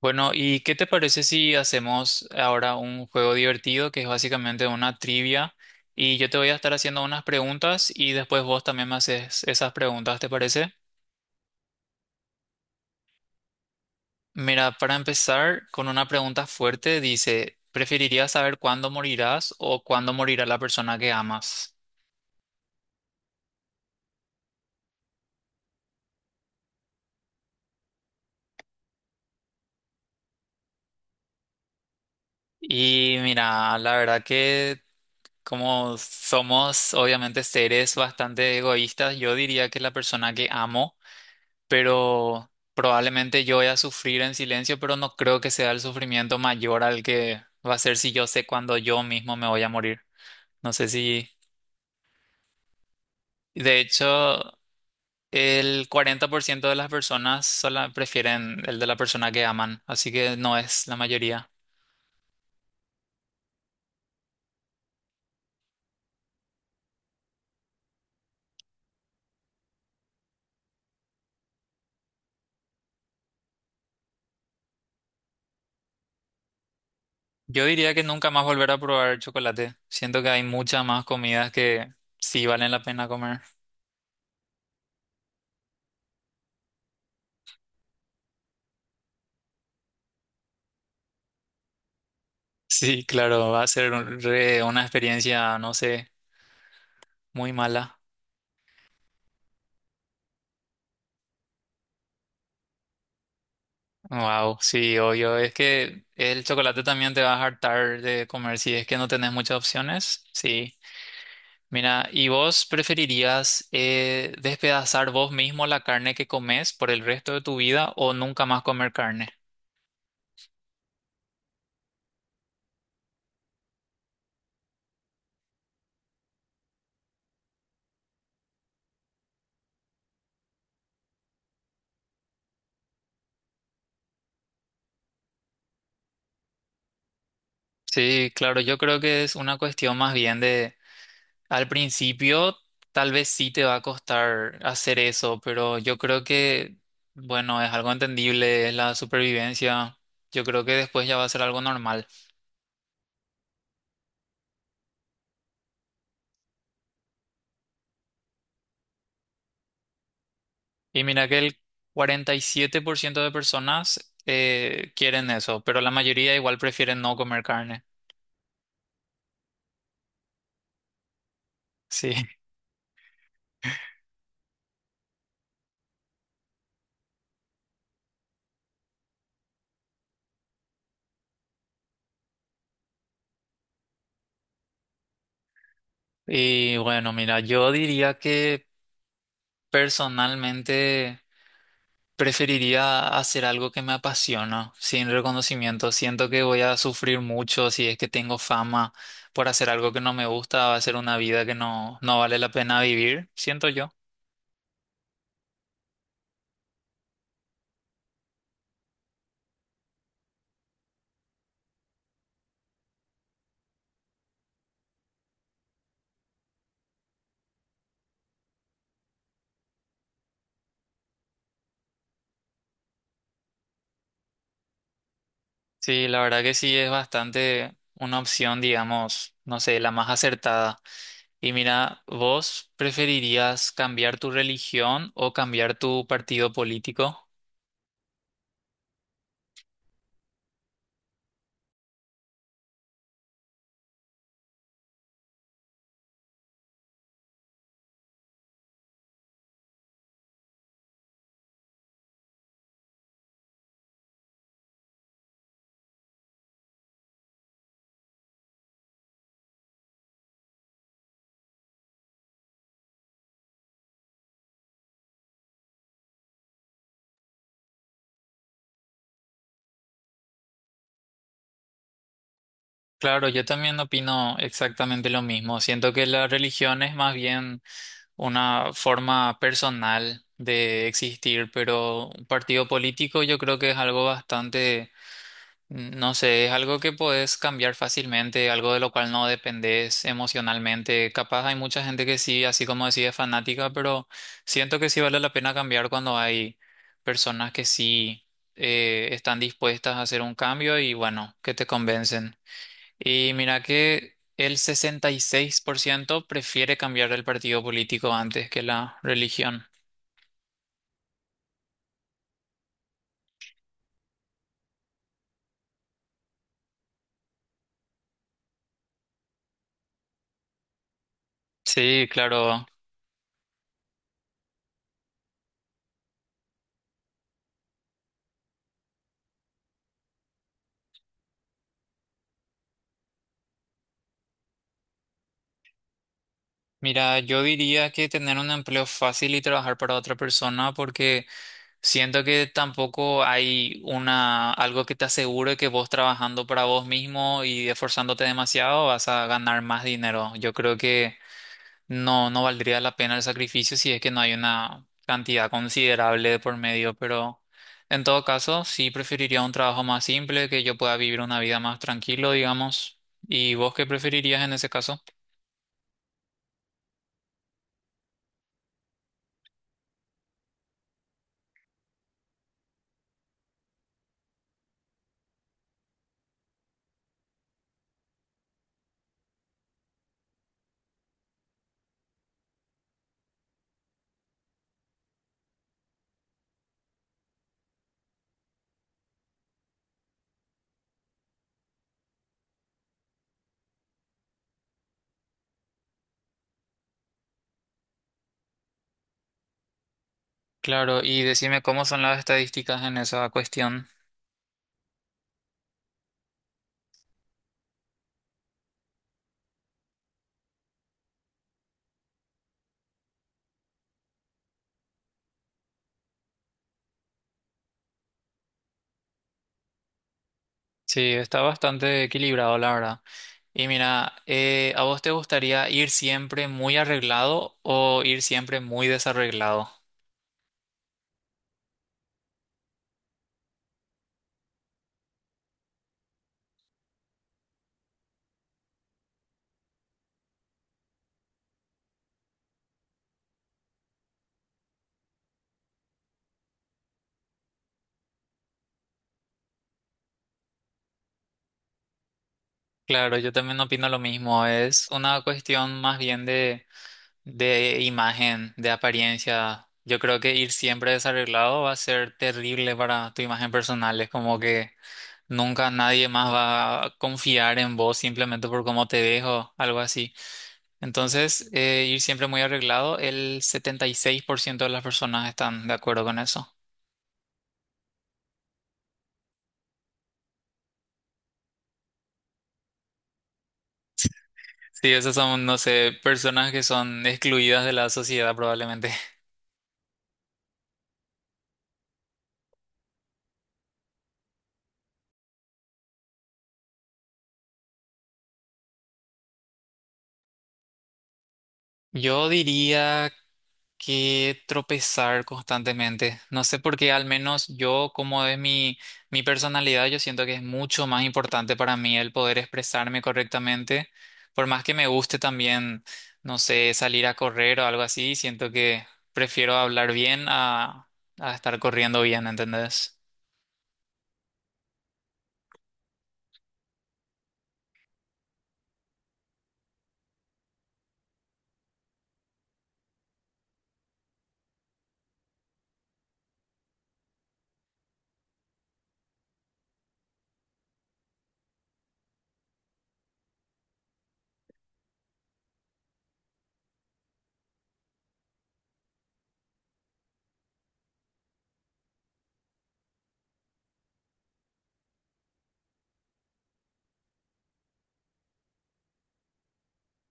Bueno, ¿y qué te parece si hacemos ahora un juego divertido que es básicamente una trivia? Y yo te voy a estar haciendo unas preguntas y después vos también me haces esas preguntas, ¿te parece? Mira, para empezar con una pregunta fuerte, dice, ¿preferirías saber cuándo morirás o cuándo morirá la persona que amas? Y mira, la verdad que como somos obviamente seres bastante egoístas, yo diría que la persona que amo, pero probablemente yo voy a sufrir en silencio, pero no creo que sea el sufrimiento mayor al que va a ser si yo sé cuándo yo mismo me voy a morir. No sé si... De hecho, el 40% de las personas sola prefieren el de la persona que aman, así que no es la mayoría. Yo diría que nunca más volver a probar chocolate. Siento que hay muchas más comidas que sí valen la pena comer. Sí, claro, va a ser una experiencia, no sé, muy mala. Wow, sí, obvio. Es que el chocolate también te vas a hartar de comer si es que no tenés muchas opciones. Sí. Mira, ¿y vos preferirías despedazar vos mismo la carne que comes por el resto de tu vida o nunca más comer carne? Sí, claro, yo creo que es una cuestión más bien de, al principio tal vez sí te va a costar hacer eso, pero yo creo que, bueno, es algo entendible, es la supervivencia. Yo creo que después ya va a ser algo normal. Y mira que el 47% de personas quieren eso, pero la mayoría igual prefieren no comer carne. Sí. Y bueno, mira, yo diría que personalmente preferiría hacer algo que me apasiona, sin reconocimiento. Siento que voy a sufrir mucho si es que tengo fama por hacer algo que no me gusta, va a ser una vida que no, no vale la pena vivir, siento yo. Sí, la verdad que sí es bastante una opción, digamos, no sé, la más acertada. Y mira, ¿vos preferirías cambiar tu religión o cambiar tu partido político? Claro, yo también opino exactamente lo mismo. Siento que la religión es más bien una forma personal de existir, pero un partido político yo creo que es algo bastante. No sé, es algo que podés cambiar fácilmente, algo de lo cual no dependés emocionalmente. Capaz hay mucha gente que sí, así como decía, es fanática, pero siento que sí vale la pena cambiar cuando hay personas que sí están dispuestas a hacer un cambio y bueno, que te convencen. Y mira que el 66% prefiere cambiar el partido político antes que la religión. Sí, claro. Mira, yo diría que tener un empleo fácil y trabajar para otra persona porque... Siento que tampoco hay una algo que te asegure que vos trabajando para vos mismo y esforzándote demasiado vas a ganar más dinero. Yo creo que no, no valdría la pena el sacrificio si es que no hay una cantidad considerable de por medio, pero en todo caso sí preferiría un trabajo más simple, que yo pueda vivir una vida más tranquilo, digamos. ¿Y vos qué preferirías en ese caso? Claro, y decime cómo son las estadísticas en esa cuestión. Sí, está bastante equilibrado, la verdad. Y mira, ¿a vos te gustaría ir siempre muy arreglado o ir siempre muy desarreglado? Claro, yo también opino lo mismo. Es una cuestión más bien de imagen, de apariencia. Yo creo que ir siempre desarreglado va a ser terrible para tu imagen personal. Es como que nunca nadie más va a confiar en vos simplemente por cómo te dejo, algo así. Entonces, ir siempre muy arreglado, el 76% de las personas están de acuerdo con eso. Sí, esos son, no sé, personas que son excluidas de la sociedad probablemente. Yo diría que tropezar constantemente. No sé por qué, al menos yo, como es mi, mi personalidad, yo siento que es mucho más importante para mí el poder expresarme correctamente. Por más que me guste también, no sé, salir a correr o algo así, siento que prefiero hablar bien a estar corriendo bien, ¿entendés?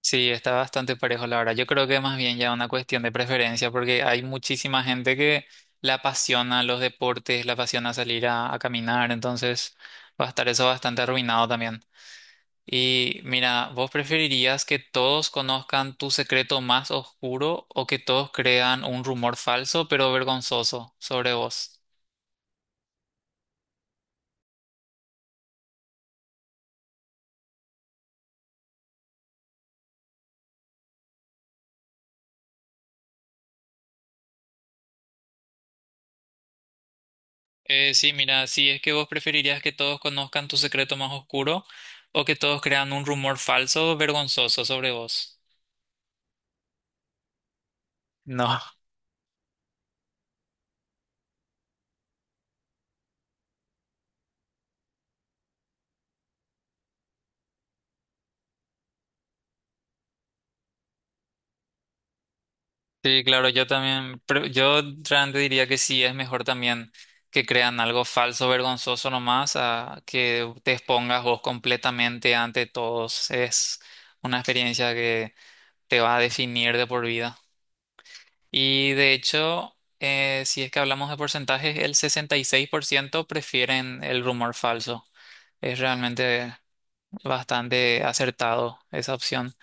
Sí, está bastante parejo la verdad. Yo creo que más bien ya una cuestión de preferencia, porque hay muchísima gente que la apasiona los deportes, la apasiona salir a caminar, entonces va a estar eso bastante arruinado también. Y mira, ¿vos preferirías que todos conozcan tu secreto más oscuro o que todos crean un rumor falso pero vergonzoso sobre vos? Sí, mira, si es que vos preferirías que todos conozcan tu secreto más oscuro o que todos crean un rumor falso vergonzoso sobre vos. No. Sí, claro, yo también, pero yo realmente diría que sí, es mejor también que crean algo falso, vergonzoso nomás, a que te expongas vos completamente ante todos. Es una experiencia que te va a definir de por vida. Y de hecho, si es que hablamos de porcentajes, el 66% prefieren el rumor falso. Es realmente bastante acertado esa opción.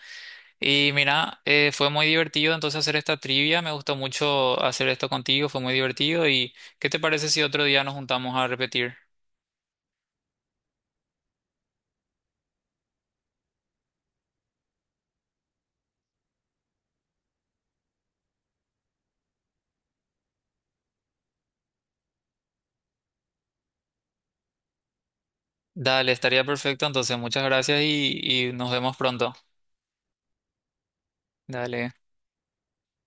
Y mira, fue muy divertido entonces hacer esta trivia, me gustó mucho hacer esto contigo, fue muy divertido y ¿qué te parece si otro día nos juntamos a repetir? Dale, estaría perfecto, entonces muchas gracias y nos vemos pronto. Dale.